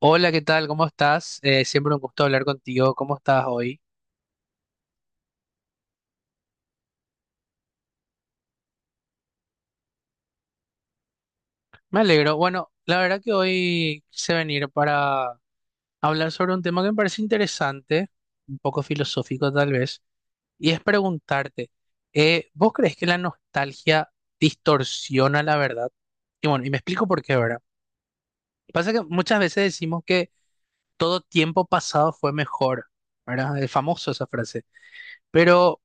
Hola, ¿qué tal? ¿Cómo estás? Siempre un gusto hablar contigo. ¿Cómo estás hoy? Me alegro. Bueno, la verdad que hoy quise venir para hablar sobre un tema que me parece interesante, un poco filosófico tal vez, y es preguntarte, ¿vos crees que la nostalgia distorsiona la verdad? Y bueno, y me explico por qué, ¿verdad? Pasa que muchas veces decimos que todo tiempo pasado fue mejor, ¿verdad? Es famoso esa frase. Pero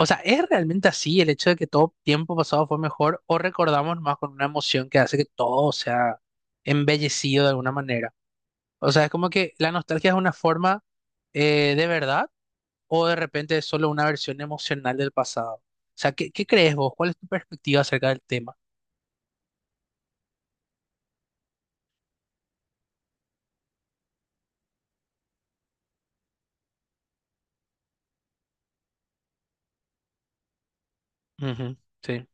O sea, ¿es realmente así el hecho de que todo tiempo pasado fue mejor o recordamos más con una emoción que hace que todo sea embellecido de alguna manera? O sea, es como que la nostalgia es una forma de verdad o de repente es solo una versión emocional del pasado. O sea, ¿qué crees vos? ¿Cuál es tu perspectiva acerca del tema? Ujú, sí.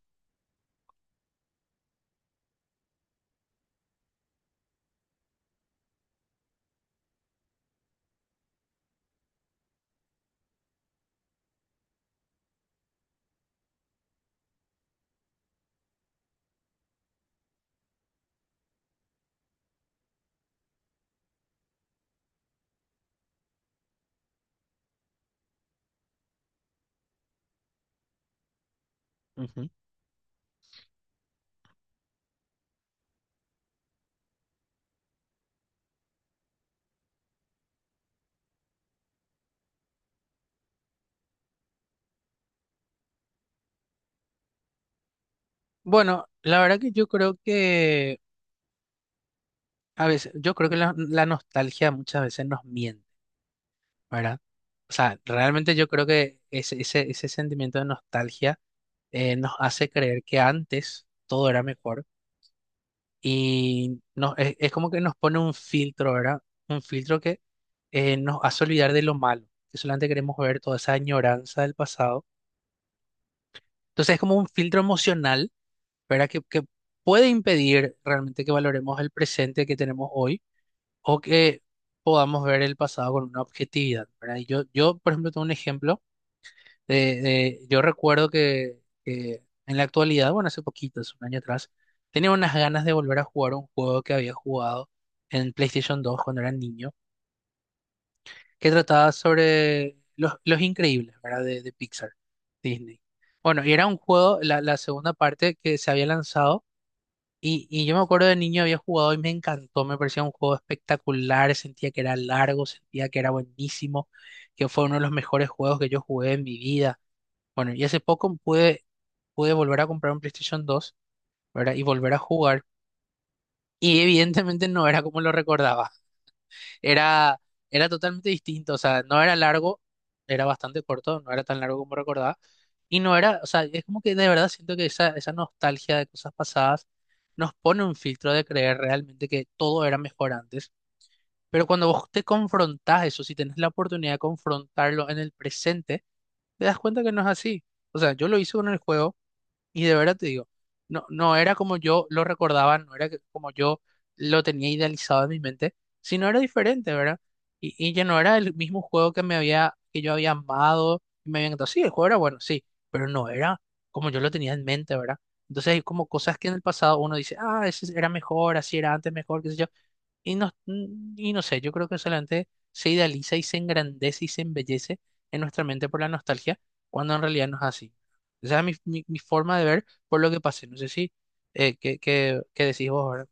Ujú. Bueno, la verdad que yo creo que a veces, yo creo que la nostalgia muchas veces nos miente. ¿Verdad? O sea, realmente yo creo que ese sentimiento de nostalgia nos hace creer que antes todo era mejor y nos, es como que nos pone un filtro, ¿verdad? Un filtro que nos hace olvidar de lo malo, que solamente queremos ver toda esa añoranza del pasado. Entonces es como un filtro emocional, ¿verdad? Que puede impedir realmente que valoremos el presente que tenemos hoy o que podamos ver el pasado con una objetividad, ¿verdad? Y yo, por ejemplo, tengo un ejemplo. Yo recuerdo que en la actualidad, bueno, hace poquito, hace un año atrás, tenía unas ganas de volver a jugar un juego que había jugado en PlayStation 2 cuando era niño, que trataba sobre los increíbles, ¿verdad? De Pixar, Disney. Bueno, y era un juego, la segunda parte que se había lanzado, y yo me acuerdo de niño había jugado y me encantó, me parecía un juego espectacular, sentía que era largo, sentía que era buenísimo, que fue uno de los mejores juegos que yo jugué en mi vida. Bueno, y hace poco pude volver a comprar un PlayStation 2, ¿verdad? Y volver a jugar. Y evidentemente no era como lo recordaba. Era, era totalmente distinto. O sea, no era largo, era bastante corto, no era tan largo como recordaba. Y no era, o sea, es como que de verdad siento que esa nostalgia de cosas pasadas nos pone un filtro de creer realmente que todo era mejor antes. Pero cuando vos te confrontás eso, si tenés la oportunidad de confrontarlo en el presente, te das cuenta que no es así. O sea, yo lo hice con el juego. Y de verdad te digo, no era como yo lo recordaba, no era como yo lo tenía idealizado en mi mente, sino era diferente, ¿verdad? Y ya no era el mismo juego que me había, que yo había amado, y me había encantado. Sí, el juego era bueno, sí, pero no era como yo lo tenía en mente, ¿verdad? Entonces hay como cosas que en el pasado uno dice, ah, ese era mejor, así era antes mejor, qué sé yo. Y no, y no sé, yo creo que solamente se idealiza y se engrandece y se embellece en nuestra mente por la nostalgia, cuando en realidad no es así. Esa es mi forma de ver por lo que pasé. No sé si, qué decís vos ahora.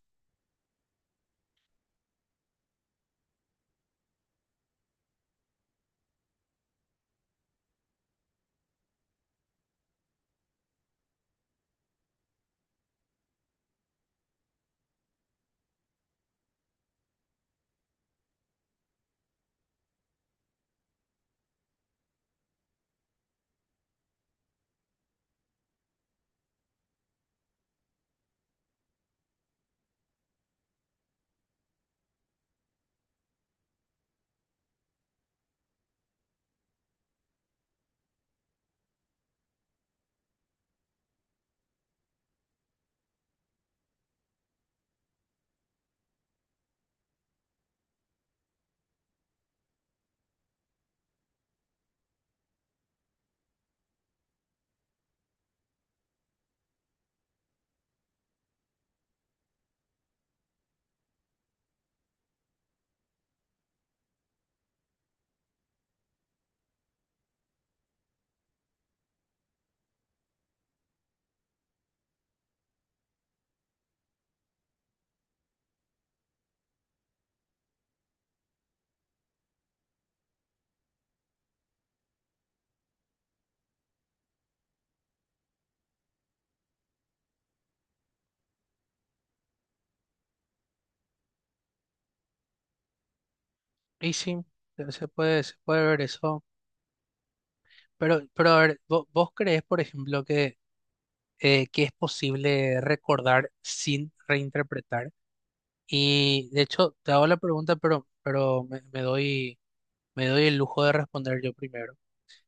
Y sí, se puede, se puede ver eso. Pero a ver, ¿vos crees, por ejemplo, que es posible recordar sin reinterpretar? Y de hecho, te hago la pregunta, pero me doy el lujo de responder yo primero.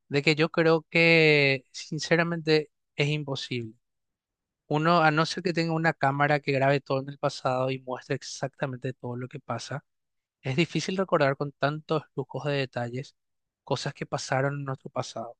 De que yo creo que, sinceramente, es imposible. Uno, a no ser que tenga una cámara que grabe todo en el pasado y muestre exactamente todo lo que pasa. Es difícil recordar con tantos lujos de detalles cosas que pasaron en nuestro pasado,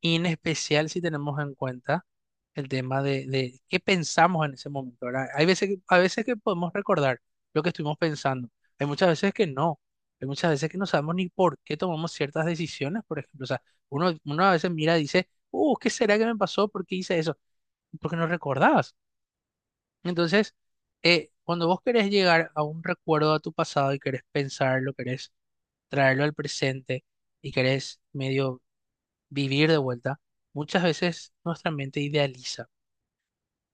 y en especial si tenemos en cuenta el tema de qué pensamos en ese momento, ¿verdad? Hay veces a veces que podemos recordar lo que estuvimos pensando, hay muchas veces que no, hay muchas veces que no sabemos ni por qué tomamos ciertas decisiones, por ejemplo, o sea, uno a veces mira y dice, ¿qué será que me pasó? ¿Por qué hice eso? Porque no recordabas. Entonces, cuando vos querés llegar a un recuerdo de tu pasado y querés pensarlo, querés traerlo al presente y querés medio vivir de vuelta, muchas veces nuestra mente idealiza.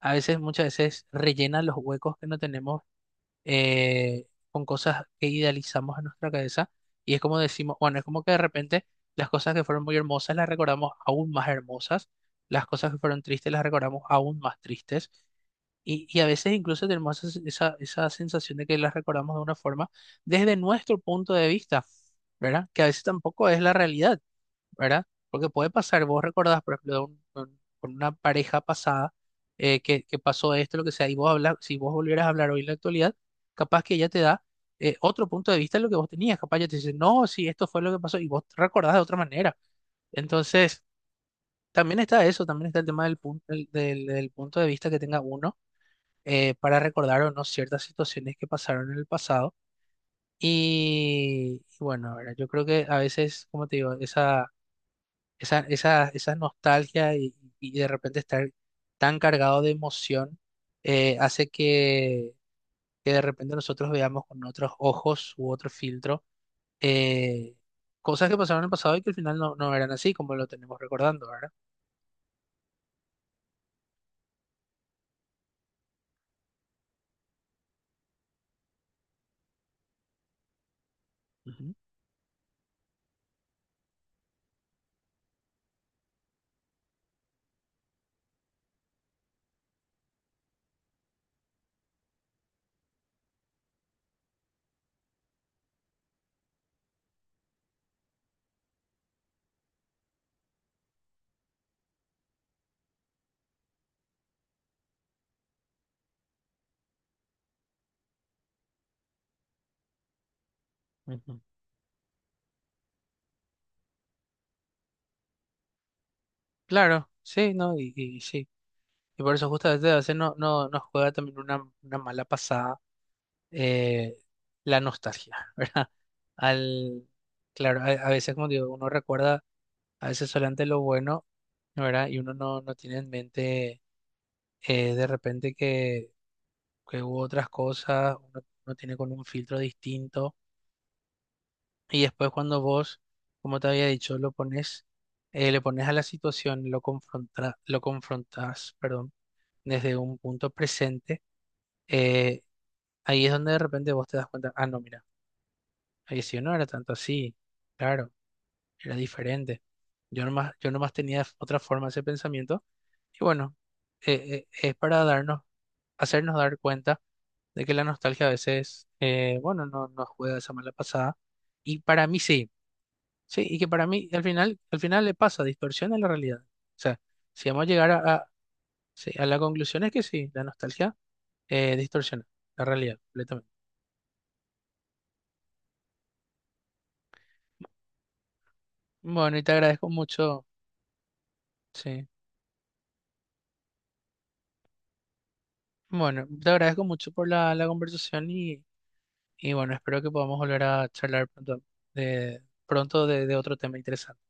A veces, muchas veces rellena los huecos que no tenemos con cosas que idealizamos en nuestra cabeza. Y es como decimos, bueno, es como que de repente las cosas que fueron muy hermosas las recordamos aún más hermosas, las cosas que fueron tristes las recordamos aún más tristes. Y a veces incluso tenemos esa sensación de que las recordamos de una forma desde nuestro punto de vista, ¿verdad? Que a veces tampoco es la realidad, ¿verdad? Porque puede pasar, vos recordás, por ejemplo, de con una pareja pasada que pasó esto, lo que sea, y vos hablas, si vos volvieras a hablar hoy en la actualidad, capaz que ella te da otro punto de vista de lo que vos tenías, capaz ella te dice, no, sí, esto fue lo que pasó, y vos recordás de otra manera. Entonces, también está eso, también está el tema del, punto del punto de vista que tenga uno para recordar o no ciertas situaciones que pasaron en el pasado. Y bueno, ¿verdad? Yo creo que a veces, como te digo, esa nostalgia y de repente estar tan cargado de emoción hace que de repente nosotros veamos con otros ojos u otro filtro eh, cosas que pasaron en el pasado y que al final no, no eran así como lo tenemos recordando, ¿verdad? Ujú, ujú. Claro, sí, ¿no? Y sí. Y por eso justamente a veces no, no, nos juega también una mala pasada eh, la nostalgia, ¿verdad? Al, claro, a veces, como digo, uno recuerda a veces solamente lo bueno, ¿verdad? Y uno no, no tiene en mente de repente que hubo otras cosas, uno tiene con un filtro distinto. Y después cuando vos, como te había dicho, lo pones, le pones a la situación, lo confronta, lo confrontas, perdón, desde un punto presente eh, ahí es donde de repente vos te das cuenta, ah, no, mira, ahí sí, yo no era tanto así, claro, era diferente. Yo nomás tenía otra forma ese pensamiento. Y bueno, es para hacernos dar cuenta de que la nostalgia a veces, bueno, no nos juega esa mala pasada. Y para mí sí, sí, y que para mí al final le pasa, distorsiona la realidad. O sea, si vamos a llegar a, sí, a la conclusión es que sí, la nostalgia distorsiona la realidad completamente. Bueno, y te agradezco mucho, sí. Bueno, te agradezco mucho por la conversación y bueno, espero que podamos volver a charlar pronto pronto de otro tema interesante.